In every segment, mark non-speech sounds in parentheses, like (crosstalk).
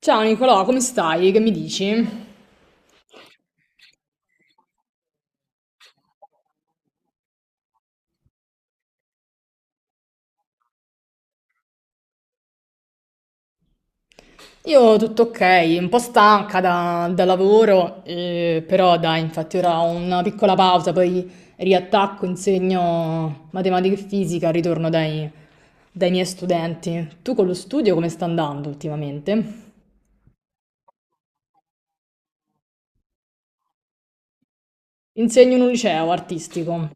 Ciao Nicolò, come stai? Che mi dici? Io tutto ok, un po' stanca da lavoro, però dai, infatti ora ho una piccola pausa, poi riattacco, insegno matematica e fisica, ritorno dai, dai miei studenti. Tu con lo studio come sta andando ultimamente? Insegno in un liceo artistico.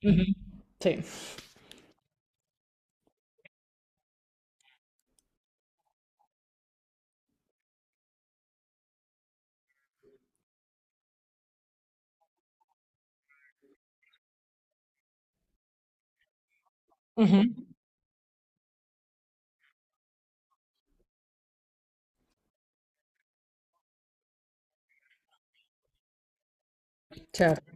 Mhm. Sì. Mhm. Certo.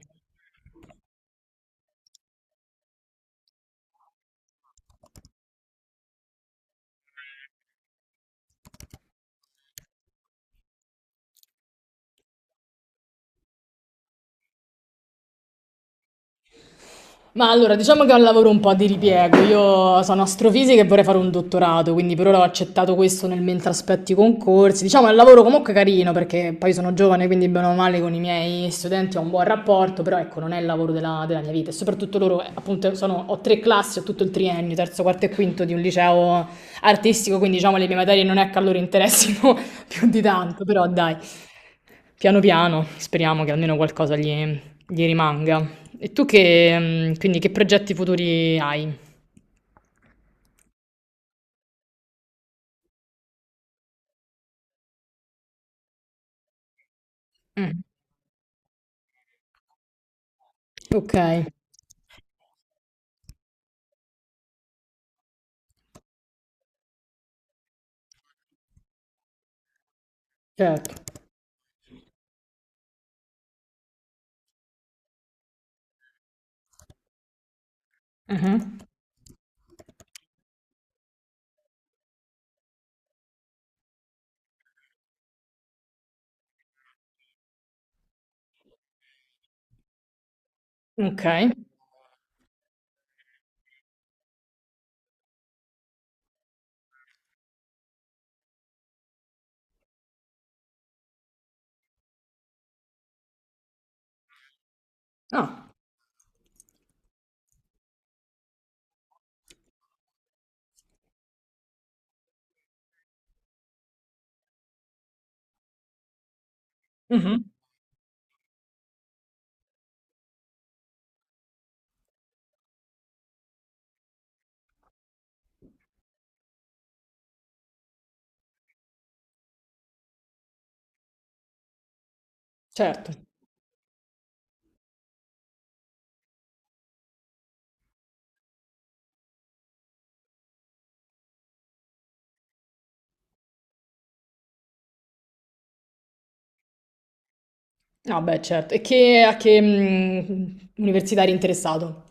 Ma allora, diciamo che è un lavoro un po' di ripiego. Io sono astrofisica e vorrei fare un dottorato, quindi per ora ho accettato questo nel mentre aspetti i concorsi. Diciamo è un lavoro comunque carino perché poi sono giovane, quindi bene o male con i miei studenti ho un buon rapporto, però ecco, non è il lavoro della mia vita. E soprattutto loro, appunto, ho tre classi, ho tutto il triennio, terzo, quarto e quinto di un liceo artistico, quindi diciamo le mie materie non è che a loro interessino (laughs) più di tanto, però dai. Piano piano, speriamo che almeno qualcosa gli rimanga. E tu che, quindi che progetti futuri hai? Mm. Ok, certo. Mhm. Ok. Ah, mhm. Certo. Ah, beh, certo. E che, a che università eri interessato?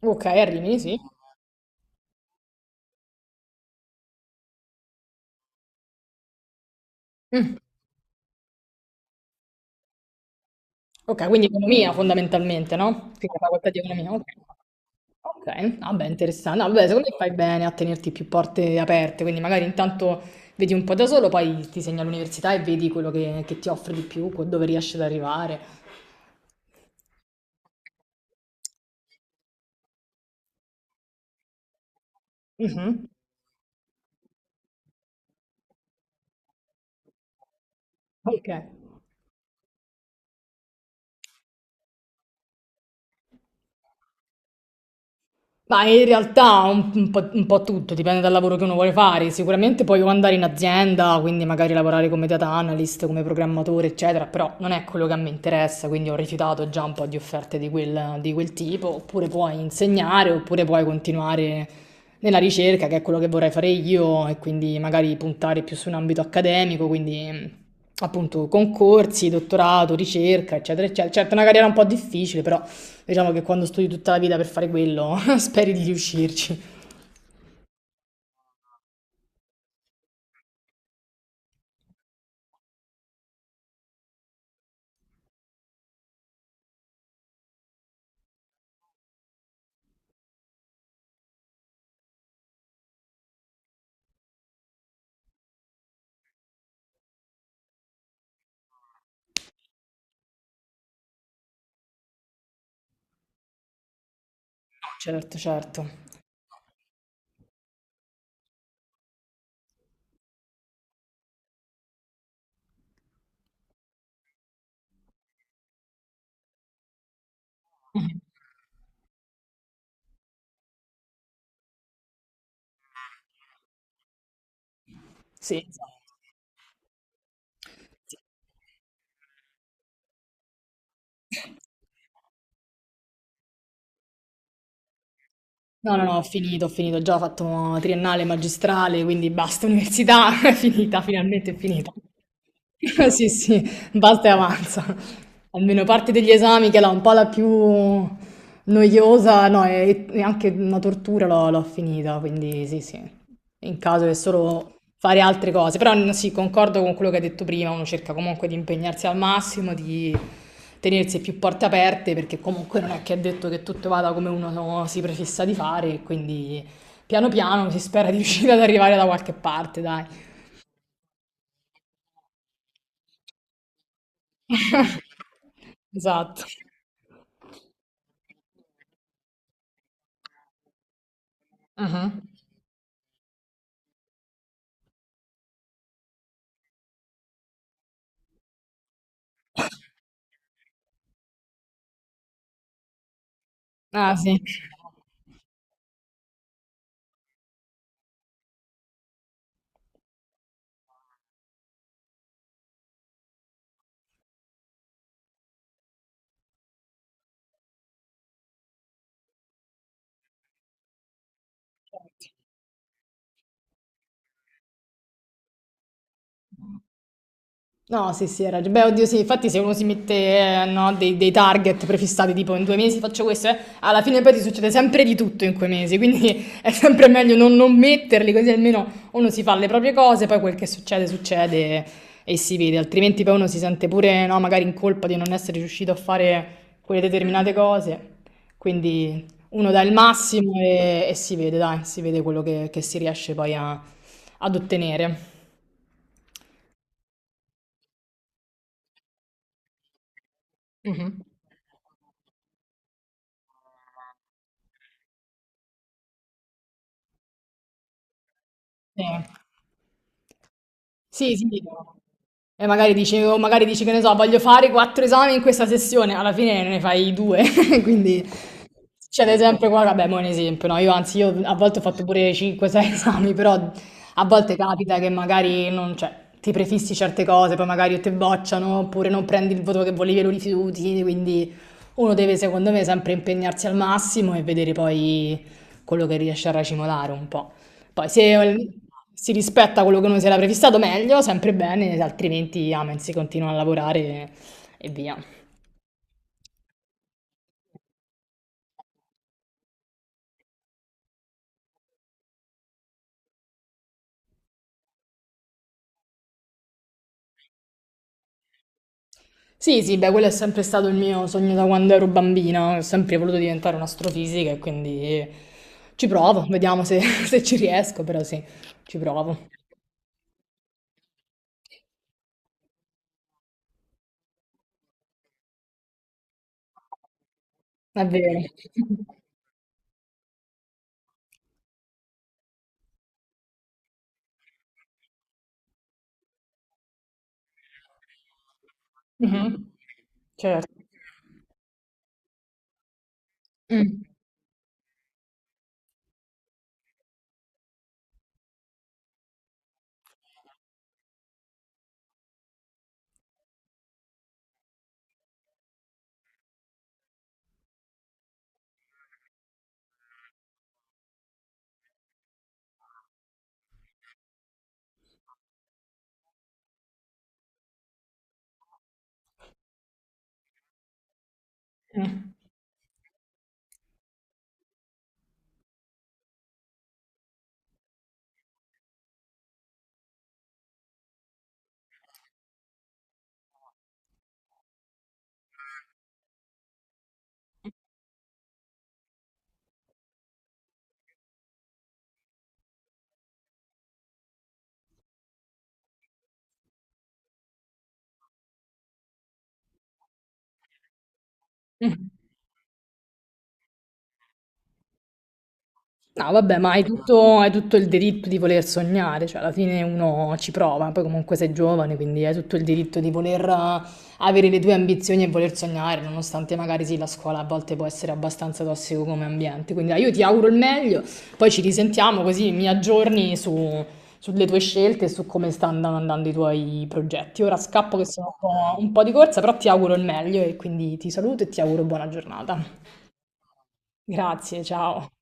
Ok, a Rimini, sì. Mm. Ok, quindi economia fondamentalmente, no? Quindi la facoltà di economia, ok. Okay, vabbè interessan no vabbè secondo me fai bene a tenerti più porte aperte, quindi magari intanto vedi un po' da solo, poi ti segni all'università e vedi quello che ti offre di più, co dove riesci ad arrivare. Mh-mh. Okay. Ma in realtà un po' tutto, dipende dal lavoro che uno vuole fare. Sicuramente puoi o andare in azienda, quindi magari lavorare come data analyst, come programmatore, eccetera, però non è quello che mi interessa, quindi ho rifiutato già un po' di offerte di di quel tipo. Oppure puoi insegnare, oppure puoi continuare nella ricerca, che è quello che vorrei fare io, e quindi magari puntare più su un ambito accademico, quindi appunto concorsi, dottorato, ricerca, eccetera, eccetera. Certo, è una carriera un po' difficile, però... Diciamo che quando studi tutta la vita per fare quello, (laughs) speri di riuscirci. Certo, certo. Sì, esatto. No, no, no, ho finito, già ho fatto triennale, magistrale, quindi basta, università, (laughs) è finita, finalmente è finita. (laughs) Sì, sì, basta e avanza. Almeno parte degli esami, che era un po' la più noiosa, no, e anche una tortura, l'ho finita, quindi sì, sì. in caso che solo fare altre cose. Però sì, concordo con quello che hai detto prima, uno cerca comunque di impegnarsi al massimo, di tenersi più porte aperte, perché comunque non è che è detto che tutto vada come uno no, si prefissa di fare, e quindi piano piano si spera di riuscire ad arrivare da qualche parte, dai. (laughs) Esatto. Mhm. Ah, sì. No, sì, sì, hai ragione. Beh, oddio, sì, infatti se uno si mette, no, dei target prefissati, tipo in due mesi faccio questo, alla fine poi ti succede sempre di tutto in quei mesi, quindi (laughs) è sempre meglio non metterli, così almeno uno si fa le proprie cose, poi quel che succede, succede e si vede, altrimenti poi uno si sente pure, no, magari in colpa di non essere riuscito a fare quelle determinate cose. Quindi uno dà il massimo e si vede, dai, si vede quello che si riesce poi ad ottenere. Mhm. Sì. Sì, sì. E magari dici, o magari dici che ne so, voglio fare quattro esami in questa sessione, alla fine ne fai due, (laughs) quindi succede sempre qua, vabbè, mo è un esempio, no? Io anzi, io a volte ho fatto pure 5-6 (laughs) esami, però a volte capita che magari non, cioè, ti prefissi certe cose, poi magari o te bocciano, oppure non prendi il voto che volevi e lo rifiuti, quindi uno deve, secondo me, sempre impegnarsi al massimo e vedere poi quello che riesce a racimolare un po'. Poi se si rispetta quello che uno si era prefissato meglio, sempre bene, altrimenti amen, si continua a lavorare e via. Sì, sì, beh, quello è sempre stato il mio sogno da quando ero bambina, ho sempre voluto diventare un'astrofisica e quindi ci provo, vediamo se, (laughs) se ci riesco, però sì, ci provo. È vero. (laughs) Mm, mm, mm. No, vabbè, ma hai tutto il diritto di voler sognare, cioè alla fine uno ci prova, poi comunque sei giovane, quindi hai tutto il diritto di voler avere le tue ambizioni e voler sognare, nonostante magari sì, la scuola a volte può essere abbastanza tossico come ambiente. Quindi dai, io ti auguro il meglio, poi ci risentiamo così mi aggiorni sulle tue scelte e su come stanno andando i tuoi progetti. Ora scappo che sono un po' di corsa, però ti auguro il meglio e quindi ti saluto e ti auguro buona giornata. Grazie, ciao.